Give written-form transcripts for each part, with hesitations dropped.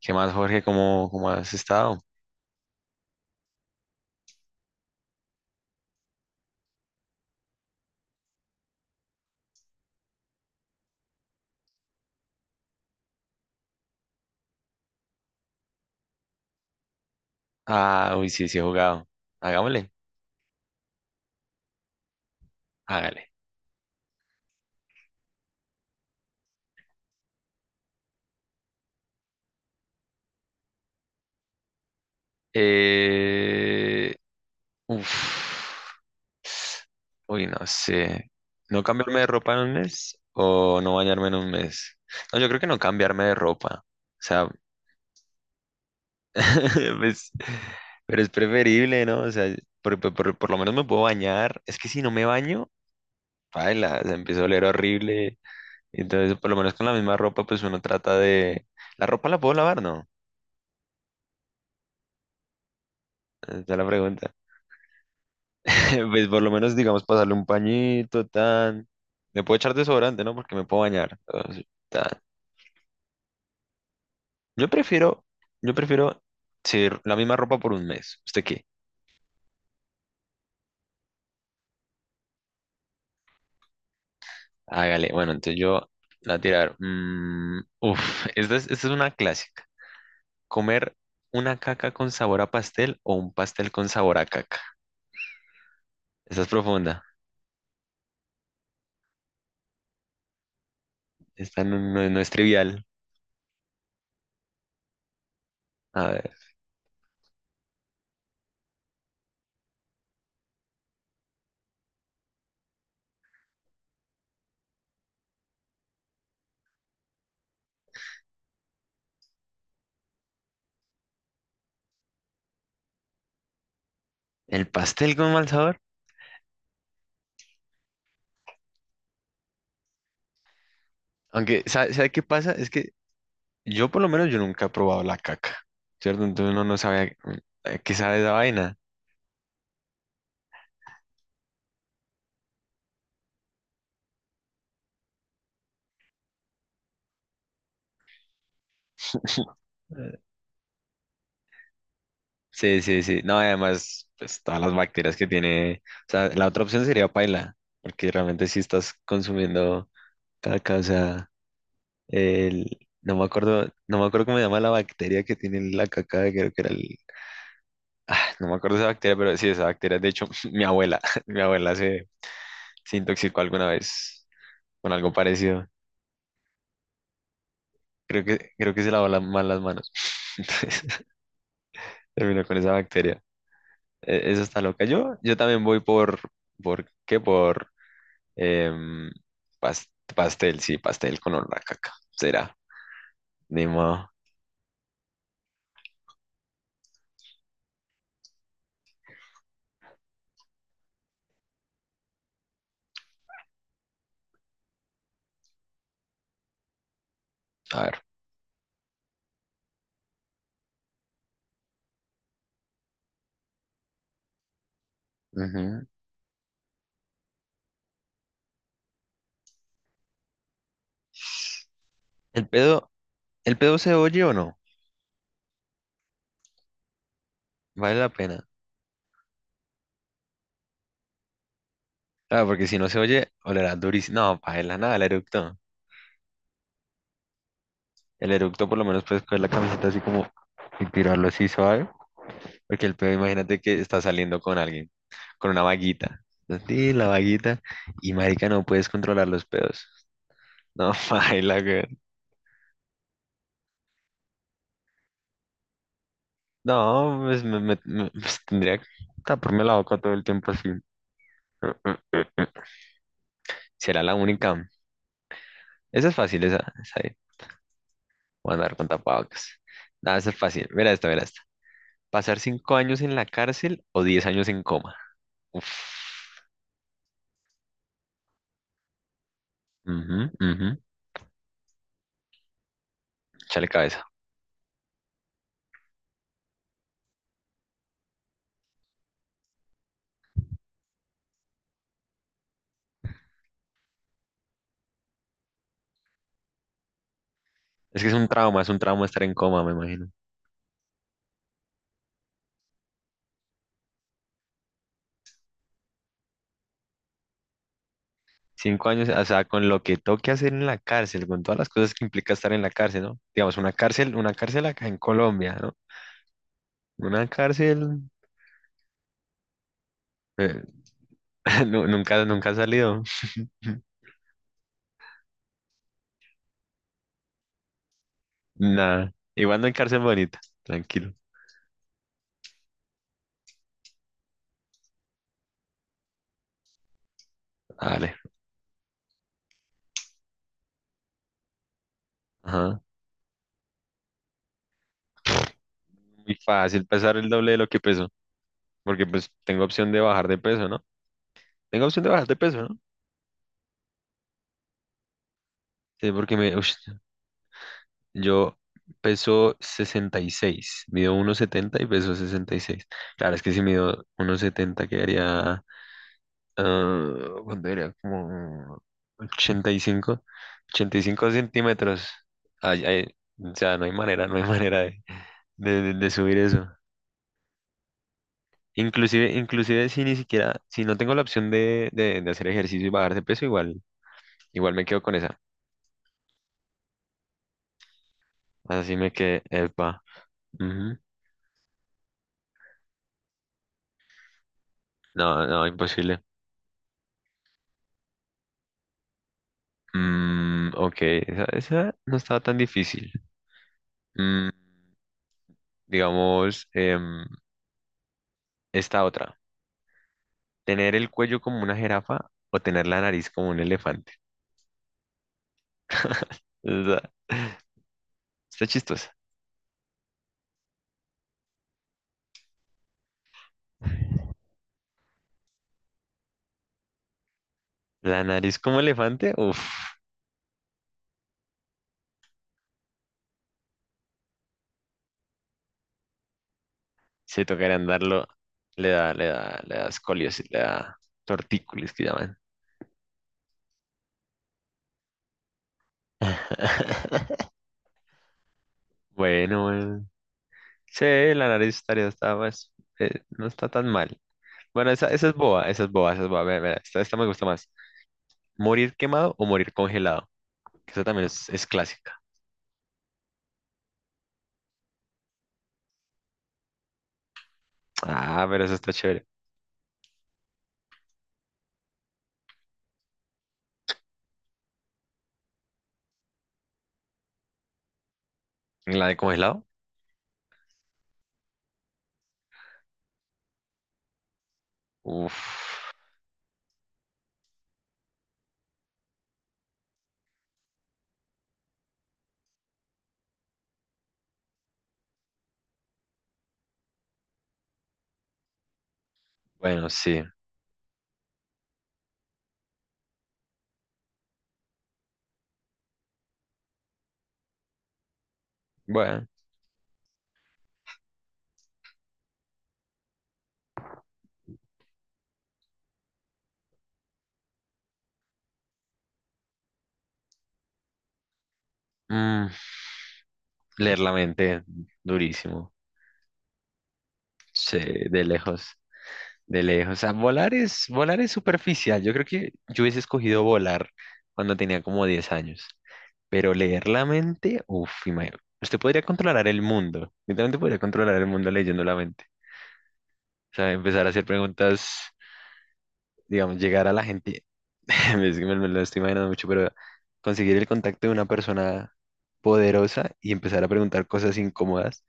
¿Qué más, Jorge? ¿Cómo has estado? Ah, uy, sí, sí he jugado. Hagámosle, hágale. Eh, uf. Uy, no sé. ¿No cambiarme de ropa en un mes o no bañarme en un mes? No, yo creo que no cambiarme de ropa. O sea, pues, pero es preferible, ¿no? O sea, por lo menos me puedo bañar. Es que si no me baño, paila, se empieza a oler horrible. Entonces, por lo menos con la misma ropa, pues uno trata de. La ropa la puedo lavar, ¿no? Esa es la pregunta. Pues por lo menos, digamos, pasarle un pañito, tan. Me puedo echar desodorante, ¿no? Porque me puedo bañar. Entonces, tan. Yo prefiero, yo prefiero sí, la misma ropa por un mes. ¿Usted qué? Hágale. Bueno, entonces yo la voy a tirar. Uf, esta es una clásica. ¿Comer una caca con sabor a pastel o un pastel con sabor a caca? Esta es profunda. Esta no es trivial. A ver, ¿el pastel con mal sabor? Aunque, ¿sabe qué pasa? Es que yo por lo menos yo nunca he probado la caca, ¿cierto? Entonces uno no sabe a qué sabe esa vaina. Eh, Sí, sí, sí. No, además, pues todas las bacterias que tiene. O sea, la otra opción sería paila, porque realmente si estás consumiendo caca, o sea, el. No me acuerdo cómo se llama la bacteria que tiene la caca, creo que era el. No me acuerdo esa bacteria, pero sí, esa bacteria, de hecho, mi abuela, mi abuela se intoxicó alguna vez con algo parecido. Creo que se lavó mal las manos. Entonces, terminó con esa bacteria. Eso está loca. Yo también voy ¿por qué? Por em, pas- pastel, sí, pastel con olor a caca. Será, ni modo. A ver. Ujú. ¿El pedo, el pedo se oye o no? ¿Vale la pena? Claro, porque si no se oye, olerá durísimo. No, paela, nada, el eructo. El eructo por lo menos puedes coger la camiseta así como y tirarlo así suave. Porque el pedo, imagínate que está saliendo con alguien, con una vaguita. Sí, la vaguita. Y marica, no puedes controlar los pedos. No, baila, que. No, pues pues, tendría que taparme la boca todo el tiempo así. Será la única. Esa es fácil, esa ahí. Voy a andar con tapabocas. Nada, esa es fácil. Mira esta, mira esta. ¿Pasar 5 años en la cárcel o 10 años en coma? Uf. Ujú, ujú. Échale cabeza. Es que es un trauma estar en coma, me imagino. 5 años, o sea, con lo que toque hacer en la cárcel, con todas las cosas que implica estar en la cárcel, ¿no? Digamos, una cárcel acá en Colombia, ¿no? Una cárcel. Eh, nunca ha salido. Nada. Igual no en cárcel bonita. Tranquilo. Vale. Ajá. Muy fácil pesar el doble de lo que peso. Porque pues tengo opción de bajar de peso, ¿no? Tengo opción de bajar de peso, ¿no? Sí, porque ush, yo peso 66. Mido 1,70 y peso 66. Claro, es que si mido 1,70 quedaría. Ah, ¿cuánto era? Como 85. 85 centímetros. Ay, ay, o sea, no hay manera, no hay manera de subir eso. Inclusive si ni siquiera, si no tengo la opción de hacer ejercicio y bajar de peso, igual me quedo con esa. Así me quedé, epa. Ujú. No, no, imposible. Ok, esa no estaba tan difícil. Mm, digamos, esta otra. ¿Tener el cuello como una jirafa o tener la nariz como un elefante? Está, está chistosa. ¿La nariz como elefante? Uf. Si tocarían andarlo le da escoliosis, le da tortícolis que llaman. Bueno, bueno. Sí, la nariz está más, no está tan mal. Bueno, esa es boba, esa es boba, esa es boba. Mira, mira, esta me gusta más. ¿Morir quemado o morir congelado? Que esa también es clásica. Ah, pero esa está chévere. ¿Y la de congelado? Uf. Bueno, sí. Bueno. mm, Leer la mente, durísimo. Sí, de lejos. De lejos, o sea, volar es superficial. Yo creo que yo hubiese escogido volar cuando tenía como 10 años. Pero leer la mente, uff, imagínate. Usted podría controlar el mundo. Literalmente podría controlar el mundo leyendo la mente. O sea, empezar a hacer preguntas, digamos, llegar a la gente. Es que me lo estoy imaginando mucho, pero conseguir el contacto de una persona poderosa y empezar a preguntar cosas incómodas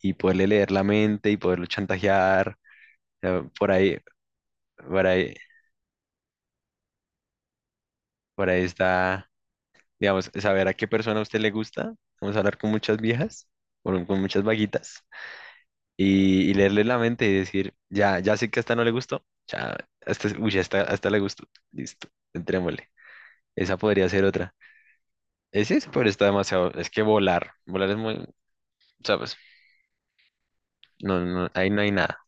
y poderle leer la mente y poderlo chantajear. O sea, por ahí, por ahí está. Digamos, saber a qué persona a usted le gusta. Vamos a hablar con muchas viejas, con muchas vaguitas, y leerle la mente y decir, ya sé que a esta no le gustó, ya, hasta le gustó, listo, entrémosle. Esa podría ser otra. Ese es sí, pero está demasiado, es que volar es muy, ¿sabes? No, no, ahí no hay nada.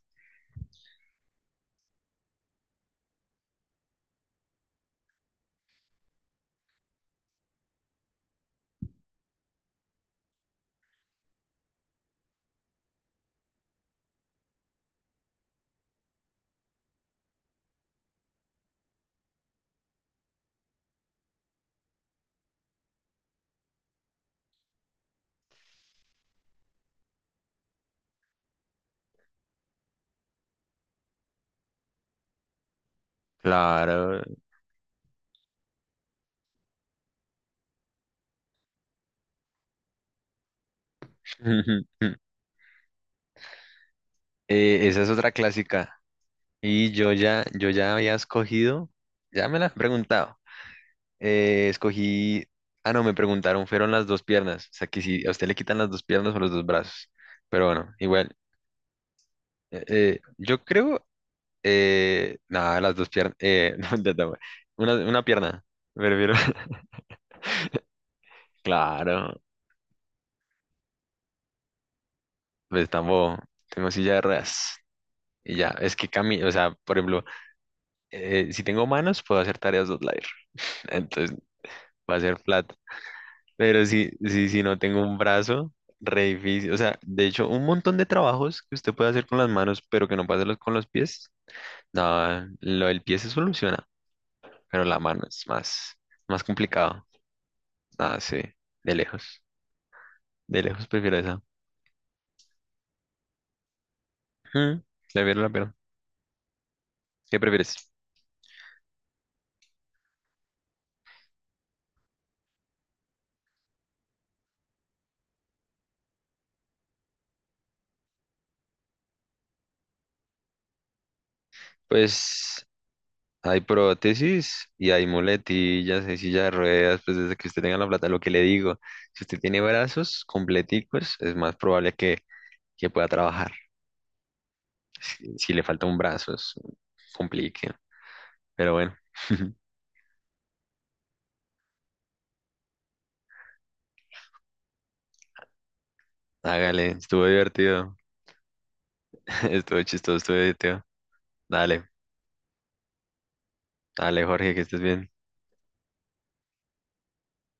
Claro. Esa es otra clásica. Y yo ya había escogido, ya me la han preguntado. Escogí, ah, no, me preguntaron, fueron las dos piernas, o sea, que si a usted le quitan las dos piernas o los dos brazos, pero bueno, igual, yo creo, nada, las dos piernas, no, ya está, bueno. Una pierna, me refiero, claro, pues tampoco, tengo silla de ruedas, y ya, es que camino, o sea, por ejemplo, si tengo manos, puedo hacer tareas dos layer, entonces, va a ser. Pero si no tengo un brazo, re difícil. O sea, de hecho, un montón de trabajos que usted puede hacer con las manos, pero que no puede hacerlos con los pies. No, lo del pie se soluciona, pero la mano es más, más complicado. Ah, sí, de lejos. De lejos prefiero esa. Mm, Prefiero la pierna. ¿Qué prefieres? Pues hay prótesis y hay muletillas, hay silla de ruedas, pues desde que usted tenga la plata, lo que le digo, si usted tiene brazos completicos, es más probable que, pueda trabajar. Si le falta un brazo, es un complique. Pero bueno, hágale, estuvo divertido, estuvo chistoso, estuvo divertido. Dale, dale, Jorge, que estés bien.